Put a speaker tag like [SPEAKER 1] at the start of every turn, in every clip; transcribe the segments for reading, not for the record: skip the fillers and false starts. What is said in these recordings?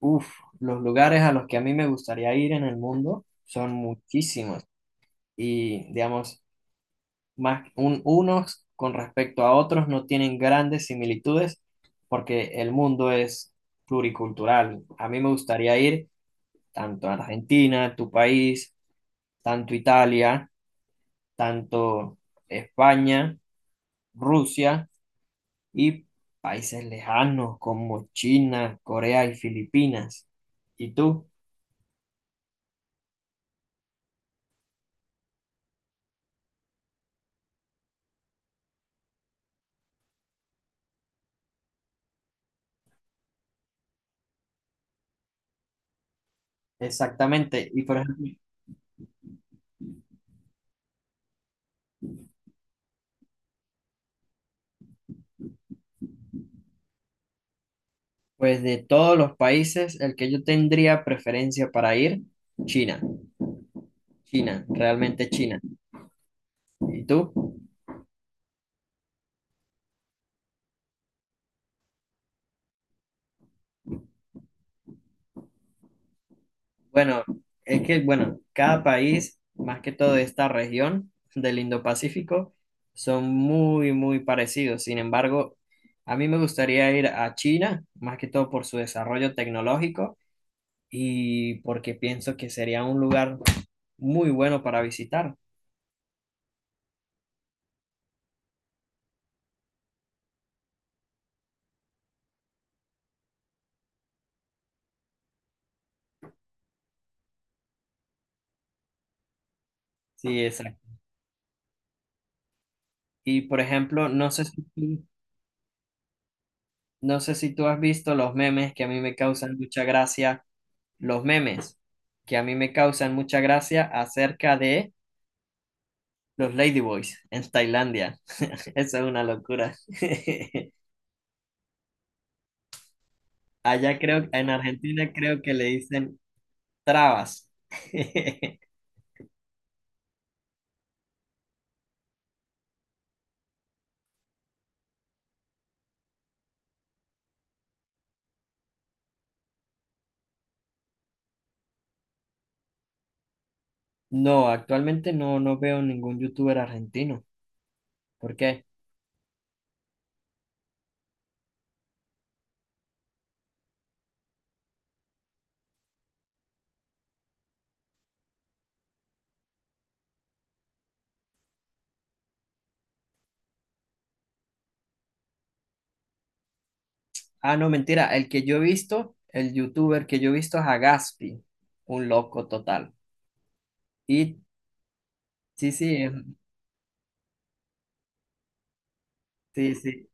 [SPEAKER 1] Uf, los lugares a los que a mí me gustaría ir en el mundo son muchísimos y digamos, más unos con respecto a otros no tienen grandes similitudes porque el mundo es pluricultural. A mí me gustaría ir tanto a Argentina, tu país, tanto Italia, tanto España, Rusia y países lejanos como China, Corea y Filipinas. ¿Y tú? Exactamente. Y por ejemplo, pues de todos los países, el que yo tendría preferencia para ir, China. China, realmente China. ¿Y tú? Bueno, es que, bueno, cada país, más que todo de esta región del Indo-Pacífico, son muy, muy parecidos. Sin embargo, a mí me gustaría ir a China, más que todo por su desarrollo tecnológico y porque pienso que sería un lugar muy bueno para visitar. Sí, exacto. Y por ejemplo, no sé si tú has visto los memes que a mí me causan mucha gracia, los memes que a mí me causan mucha gracia acerca de los Ladyboys en Tailandia. Eso es una locura. Allá creo, en Argentina creo que le dicen trabas. No, actualmente no, no veo ningún youtuber argentino. ¿Por qué? Ah, no, mentira. El youtuber que yo he visto es Agaspi, un loco total. Y sí, sí, es- sí, sí.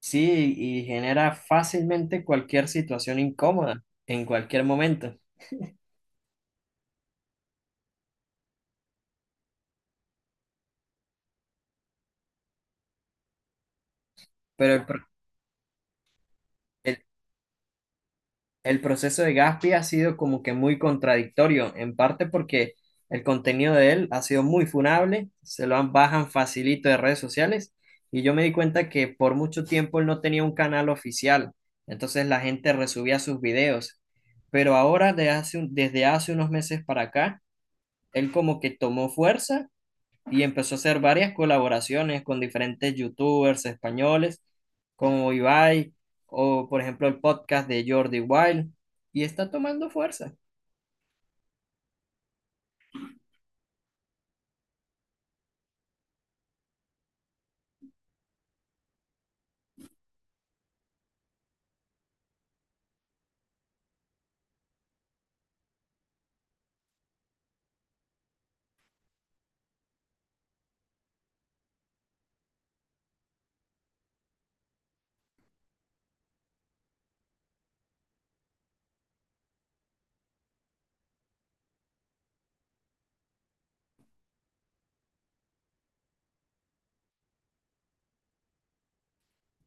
[SPEAKER 1] Sí, y genera fácilmente cualquier situación incómoda en cualquier momento. Pero el, pro- el- el proceso de Gaspi ha sido como que muy contradictorio, en parte porque el contenido de él ha sido muy funable, bajan facilito de redes sociales, y yo me di cuenta que por mucho tiempo él no tenía un canal oficial, entonces la gente resubía sus videos. Pero ahora, desde hace unos meses para acá, él como que tomó fuerza y empezó a hacer varias colaboraciones con diferentes youtubers españoles, como Ibai, o por ejemplo el podcast de Jordi Wild, y está tomando fuerza.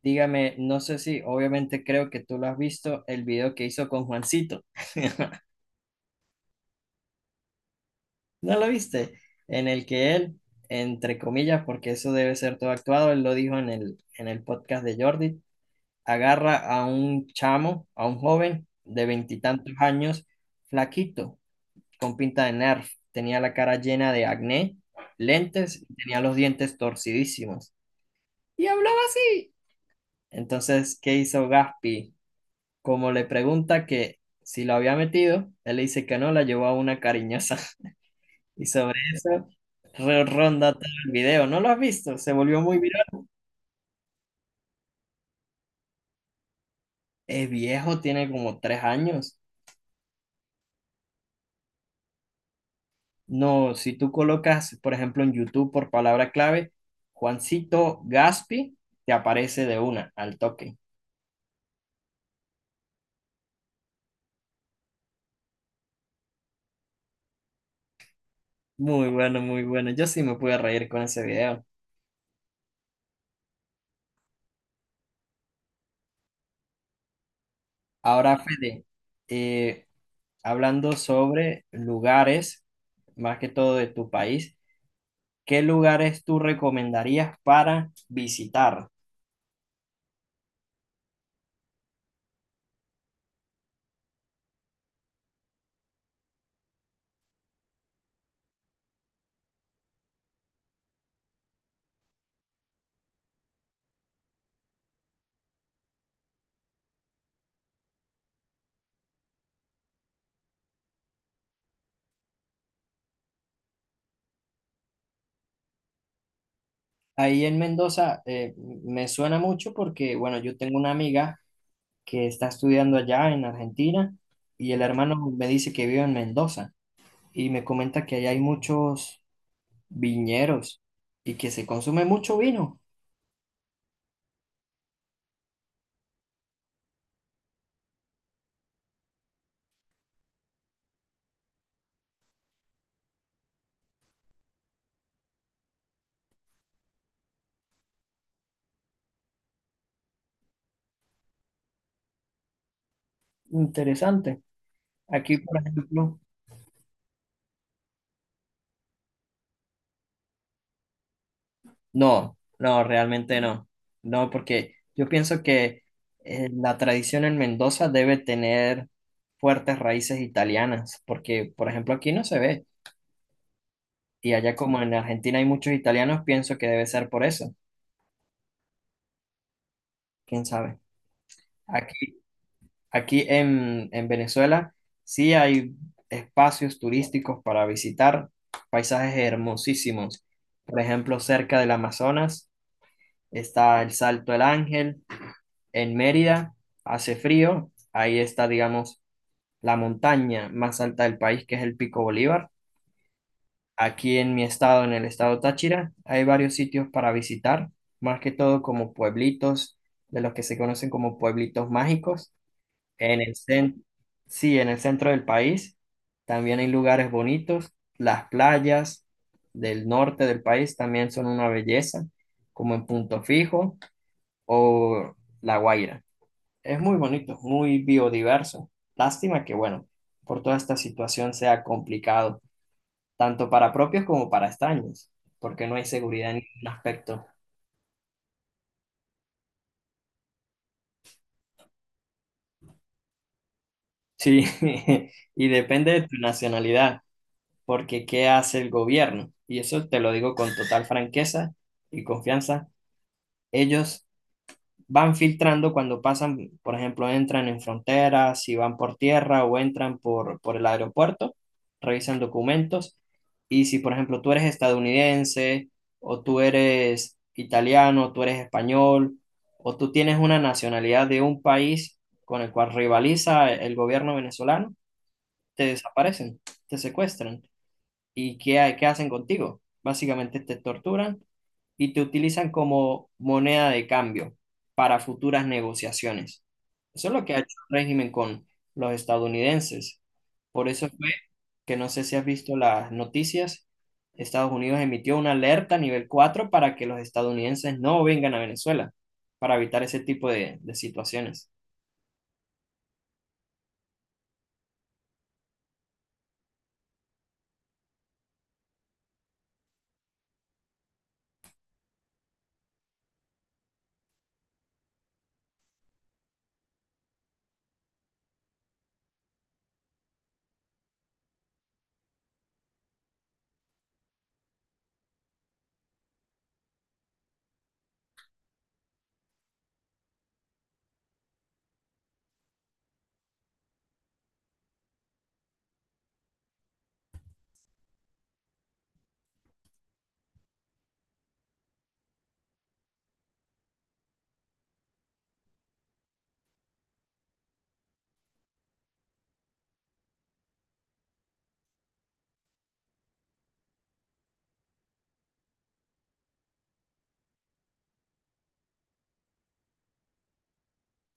[SPEAKER 1] Dígame, no sé si, obviamente creo que tú lo has visto, el video que hizo con Juancito. ¿No lo viste? En el que él, entre comillas, porque eso debe ser todo actuado, él lo dijo en el podcast de Jordi, agarra a un chamo, a un joven de veintitantos años, flaquito, con pinta de Nerf, tenía la cara llena de acné, lentes y tenía los dientes torcidísimos. Y hablaba así. Entonces, ¿qué hizo Gaspi? Como le pregunta que si lo había metido, él le dice que no, la llevó a una cariñosa. Y sobre eso ronda todo el video. ¿No lo has visto? Se volvió muy viral. Es viejo, tiene como tres años. No, si tú colocas, por ejemplo, en YouTube por palabra clave, Juancito Gaspi, te aparece de una, al toque. Muy bueno, muy bueno. Yo sí me pude reír con ese video. Ahora, Fede, eh, hablando sobre lugares, más que todo de tu país, ¿qué lugares tú recomendarías para visitar? Ahí en Mendoza me suena mucho porque, bueno, yo tengo una amiga que está estudiando allá en Argentina y el hermano me dice que vive en Mendoza y me comenta que allá hay muchos viñeros y que se consume mucho vino. Interesante. Aquí, por ejemplo, no, no, realmente no. No, porque yo pienso que la tradición en Mendoza debe tener fuertes raíces italianas, porque, por ejemplo, aquí no se ve. Y allá como en Argentina hay muchos italianos, pienso que debe ser por eso. ¿Quién sabe? Aquí, aquí en Venezuela sí hay espacios turísticos para visitar, paisajes hermosísimos. Por ejemplo, cerca del Amazonas está el Salto del Ángel. En Mérida hace frío, ahí está, digamos, la montaña más alta del país, que es el Pico Bolívar. Aquí en mi estado, en el estado Táchira, hay varios sitios para visitar, más que todo como pueblitos, de los que se conocen como pueblitos mágicos. En el centro, sí, en el centro del país también hay lugares bonitos. Las playas del norte del país también son una belleza, como en Punto Fijo o La Guaira. Es muy bonito, muy biodiverso. Lástima que, bueno, por toda esta situación sea complicado, tanto para propios como para extraños, porque no hay seguridad en ningún aspecto. Sí, y depende de tu nacionalidad, porque ¿qué hace el gobierno? Y eso te lo digo con total franqueza y confianza. Ellos van filtrando cuando pasan, por ejemplo, entran en fronteras, si van por tierra o entran por el aeropuerto, revisan documentos. Y si, por ejemplo, tú eres estadounidense o tú eres italiano, tú eres español o tú tienes una nacionalidad de un país con el cual rivaliza el gobierno venezolano, te desaparecen, te secuestran. ¿Y qué hacen contigo? Básicamente te torturan y te utilizan como moneda de cambio para futuras negociaciones. Eso es lo que ha hecho el régimen con los estadounidenses. Por eso fue que no sé si has visto las noticias, Estados Unidos emitió una alerta nivel 4 para que los estadounidenses no vengan a Venezuela, para evitar ese tipo de situaciones.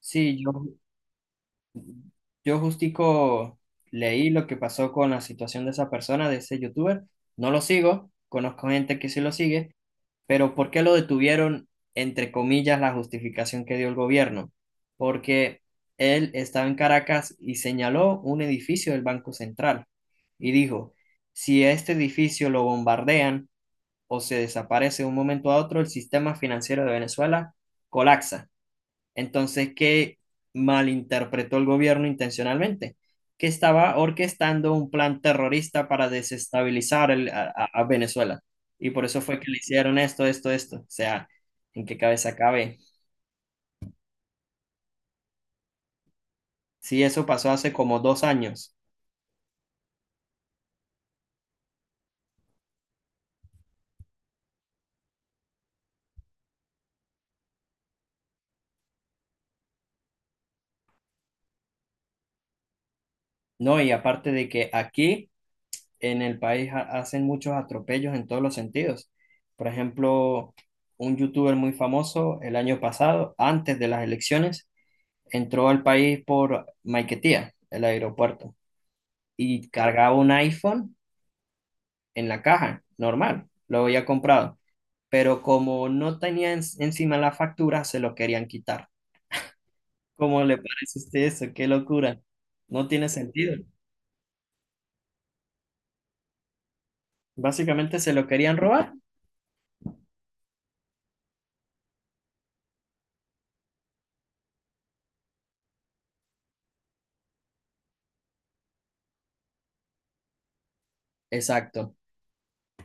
[SPEAKER 1] Sí, yo, yo justico leí lo que pasó con la situación de esa persona, de ese youtuber. No lo sigo, conozco gente que sí lo sigue. Pero ¿por qué lo detuvieron? Entre comillas, la justificación que dio el gobierno. Porque él estaba en Caracas y señaló un edificio del Banco Central y dijo, si este edificio lo bombardean o se desaparece de un momento a otro, el sistema financiero de Venezuela colapsa. Entonces, ¿qué malinterpretó el gobierno intencionalmente? Que estaba orquestando un plan terrorista para desestabilizar a Venezuela. Y por eso fue que le hicieron esto, esto, esto. O sea, ¿en qué cabeza cabe? Sí, eso pasó hace como dos años, ¿no? Y aparte de que aquí en el país hacen muchos atropellos en todos los sentidos. Por ejemplo, un youtuber muy famoso el año pasado, antes de las elecciones, entró al país por Maiquetía, el aeropuerto, y cargaba un iPhone en la caja, normal, lo había comprado, pero como no tenía encima la factura, se lo querían quitar. ¿Cómo le parece a usted eso? ¡Qué locura! No tiene sentido. Básicamente se lo querían robar. Exacto.